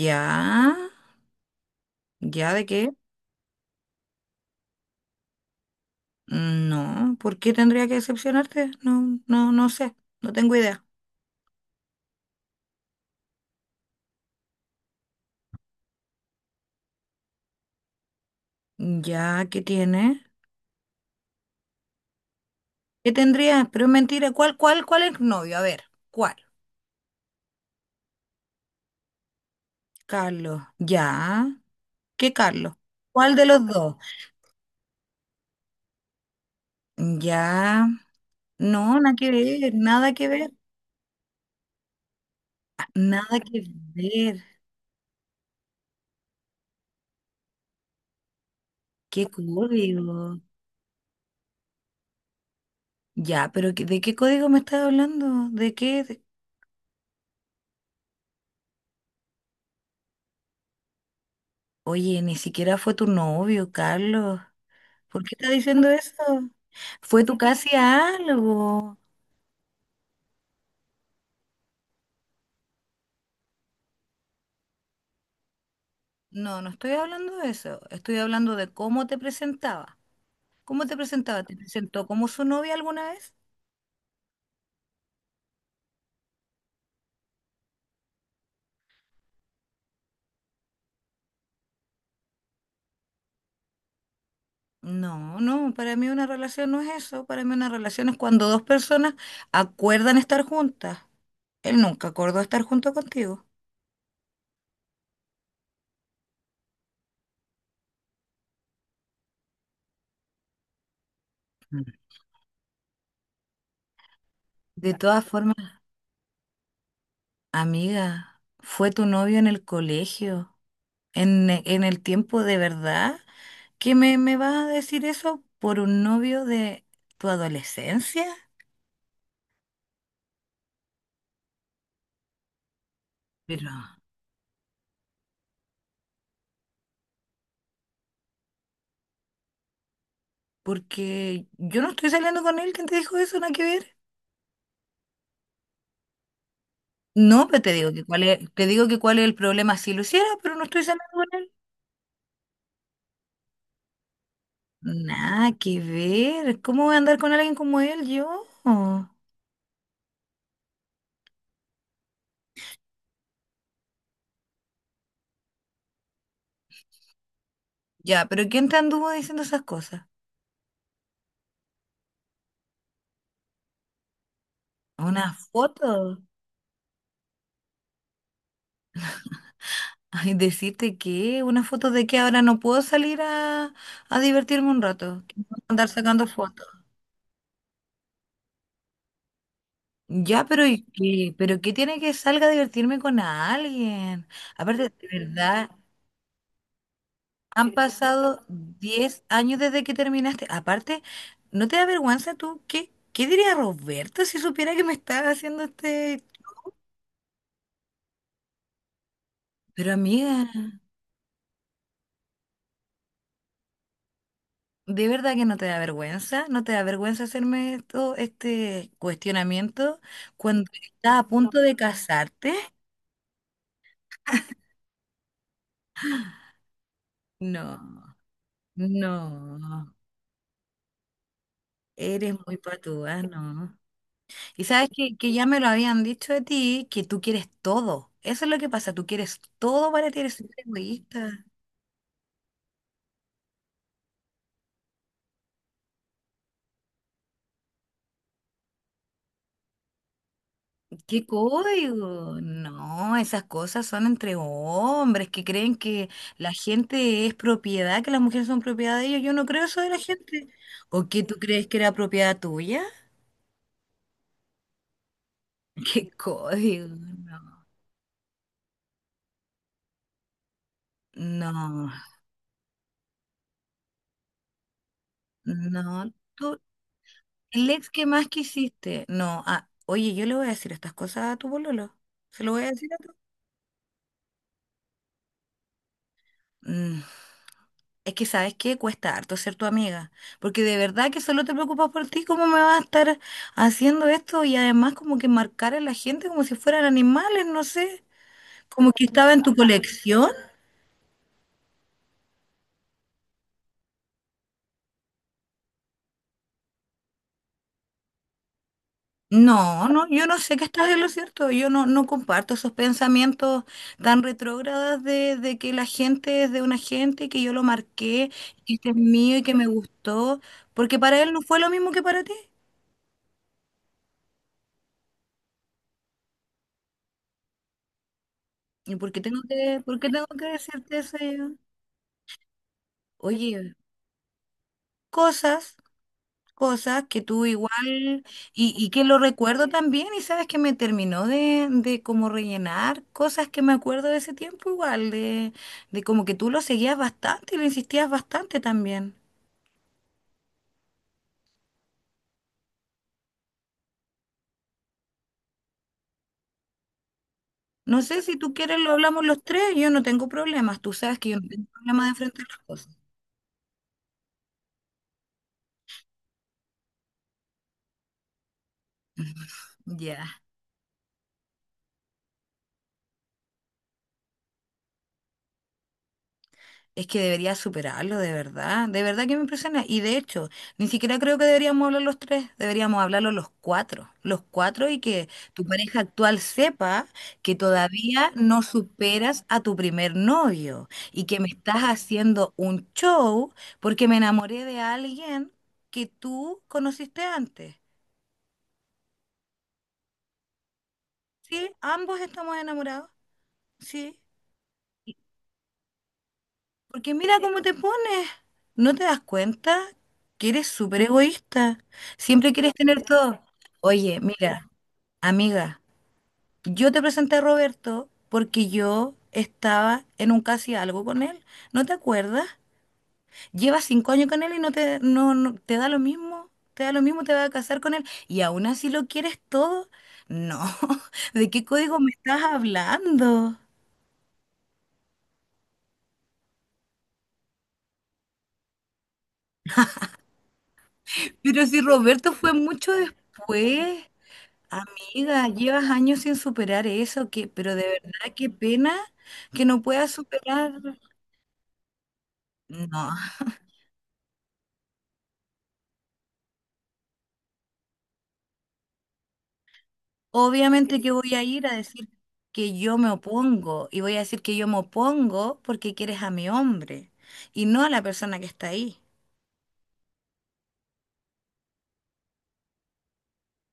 ¿Ya? ¿Ya de qué? No, ¿por qué tendría que decepcionarte? No, no, no sé, no tengo idea. ¿Ya qué tiene? ¿Qué tendría? Pero es mentira, cuál es novio? A ver, ¿cuál? Carlos, ¿ya? ¿Qué Carlos? ¿Cuál de los dos? Ya, no, nada que ver. ¿Qué código? Ya, pero ¿de qué código me estás hablando? ¿De qué? Oye, ni siquiera fue tu novio, Carlos. ¿Por qué estás diciendo eso? Fue tu casi algo. No, no estoy hablando de eso. Estoy hablando de cómo te presentaba. ¿Cómo te presentaba? ¿Te presentó como su novia alguna vez? No, no, para mí una relación no es eso. Para mí una relación es cuando dos personas acuerdan estar juntas. Él nunca acordó estar junto contigo. Mm. De todas formas. Amiga, fue tu novio en el colegio, en el tiempo de verdad, me vas a decir eso por un novio de tu adolescencia? Pero, porque yo no estoy saliendo con él, ¿quién te dijo eso? Nada que ver. No, pero te digo que cuál es el problema si lo hiciera, pero no estoy saliendo con él. Nada que ver. ¿Cómo voy a andar con alguien como él yo? Ya, pero ¿quién te anduvo diciendo esas cosas? ¿Una foto? Ay, decirte que una foto de que ahora no puedo a divertirme un rato, que me van a andar sacando fotos. Ya, pero ¿y qué? ¿Pero qué tiene que salga a divertirme con alguien? Aparte, de verdad, han pasado 10 años desde que terminaste. Aparte, ¿no te da vergüenza tú? Qué diría Roberto si supiera que me estaba haciendo este show? Pero amiga... ¿De verdad que no te da vergüenza? ¿No te da vergüenza hacerme esto, este cuestionamiento cuando estás a punto de casarte? No, no, eres muy patúa, no. Y sabes que ya me lo habían dicho de ti, que tú quieres todo. Eso es lo que pasa, tú quieres todo para ti, eres súper egoísta. ¿Qué código? No, esas cosas son entre hombres que creen que la gente es propiedad, que las mujeres son propiedad de ellos. Yo no creo eso de la gente. ¿O qué tú crees que era propiedad tuya? ¿Qué código? No, no, no. Tú, el ex que más quisiste. No, ah, oye, yo le voy a decir estas cosas a tu pololo. Se lo voy a decir a tu Mm, es que sabes qué cuesta harto ser tu amiga, porque de verdad que solo te preocupas por ti, ¿cómo me vas a estar haciendo esto? Y además como que marcar a la gente como si fueran animales, no sé, como que estaba en tu colección. No, no, yo no sé que estás en lo cierto, yo no, no comparto esos pensamientos tan retrógradas de que la gente es de una gente y que yo lo marqué, y que es mío y que me gustó, porque para él no fue lo mismo que para ti. Por qué tengo que decirte eso yo? Oye, cosas, cosas que tú igual, y que lo recuerdo también, y sabes que me terminó de como rellenar cosas que me acuerdo de ese tiempo igual, de como que tú lo seguías bastante y lo insistías bastante también. No sé si tú quieres, lo hablamos los tres, yo no tengo problemas, tú sabes que yo no tengo problemas de enfrentar las cosas. Ya. Es que debería superarlo, de verdad. De verdad que me impresiona. Y de hecho, ni siquiera creo que deberíamos hablar los tres. Deberíamos hablarlo los cuatro. Los cuatro y que tu pareja actual sepa que todavía no superas a tu primer novio y que me estás haciendo un show porque me enamoré de alguien que tú conociste antes. ¿Sí? Ambos estamos enamorados. Sí. Porque mira cómo te pones. ¿No te das cuenta que eres súper egoísta? Siempre quieres tener todo. Oye, mira, amiga, yo te presenté a Roberto porque yo estaba en un casi algo con él. ¿No te acuerdas? Llevas 5 años con él y no te, no, no- te da lo mismo. Te da lo mismo, te vas a casar con él y aún así lo quieres todo. No, ¿de qué código me estás hablando? Pero si Roberto fue mucho después. Amiga, llevas años sin superar eso, que, pero de verdad qué pena que no puedas superar. No, obviamente que voy a ir a decir que yo me opongo y voy a decir que yo me opongo porque quieres a mi hombre y no a la persona que está ahí.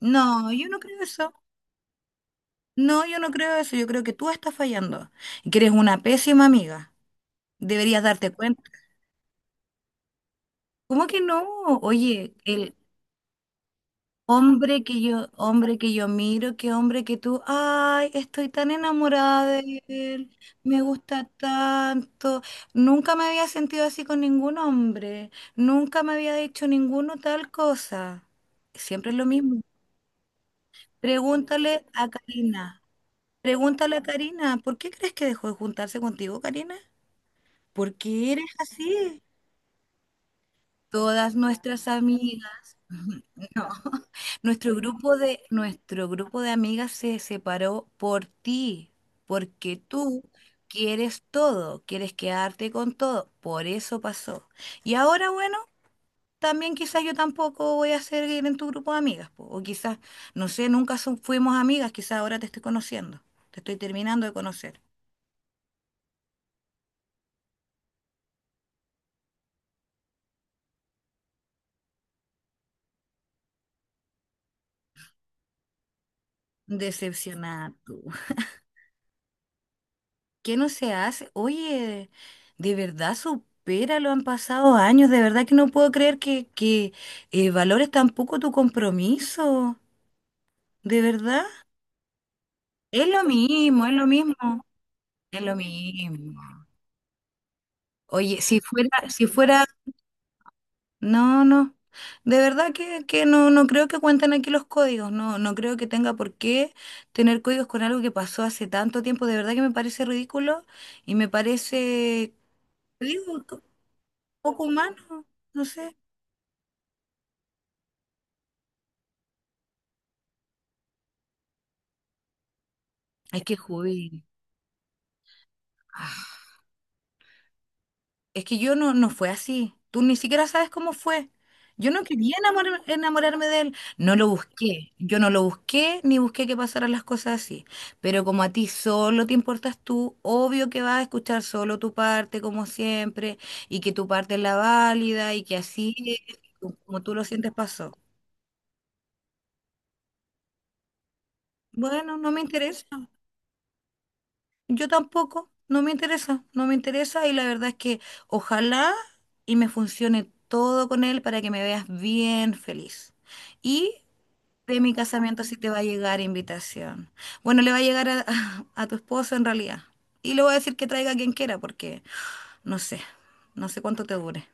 No, yo no creo eso. No, yo no creo eso. Yo creo que tú estás fallando y que eres una pésima amiga. Deberías darte cuenta. ¿Cómo que no? Oye, hombre hombre que yo miro, qué hombre que tú, ay, estoy tan enamorada de él, me gusta tanto. Nunca me había sentido así con ningún hombre, nunca me había dicho ninguno tal cosa. Siempre es lo mismo. Pregúntale a Karina, pregúntale a Karina, ¿por qué crees que dejó de juntarse contigo, Karina? ¿Por qué eres así? Todas nuestras amigas, no, nuestro nuestro grupo de amigas se separó por ti, porque tú quieres todo, quieres quedarte con todo, por eso pasó. Y ahora, bueno, también quizás yo tampoco voy a seguir en tu grupo de amigas, po, o quizás, no sé, nunca son- fuimos amigas, quizás ahora te estoy conociendo, te estoy terminando de conocer. Decepcionada tú. ¿Qué no se hace? Oye, de verdad supéralo, han pasado años, de verdad que no puedo creer que valores tampoco tu compromiso, de verdad. Es lo mismo, es lo mismo, es lo mismo. Oye, si fuera, no, no, de verdad que no, no creo que cuenten aquí los códigos, no, no creo que tenga por qué tener códigos con algo que pasó hace tanto tiempo, de verdad que me parece ridículo y me parece, digo, poco humano, no sé. Es que Judy, ah, es que yo no, no fue así. Tú ni siquiera sabes cómo fue. Yo no quería enamorarme de él. No lo busqué. Yo no lo busqué ni busqué que pasaran las cosas así. Pero como a ti solo te importas tú, obvio que vas a escuchar solo tu parte, como siempre, y que tu parte es la válida y que así es, como tú lo sientes pasó. Bueno, no me interesa. Yo tampoco, no me interesa y la verdad es que ojalá y me funcione todo con él para que me veas bien feliz. Y de mi casamiento sí te va a llegar invitación. Bueno, le va a llegar a, a tu esposo en realidad. Y le voy a decir que traiga a quien quiera porque no sé, no sé cuánto te dure.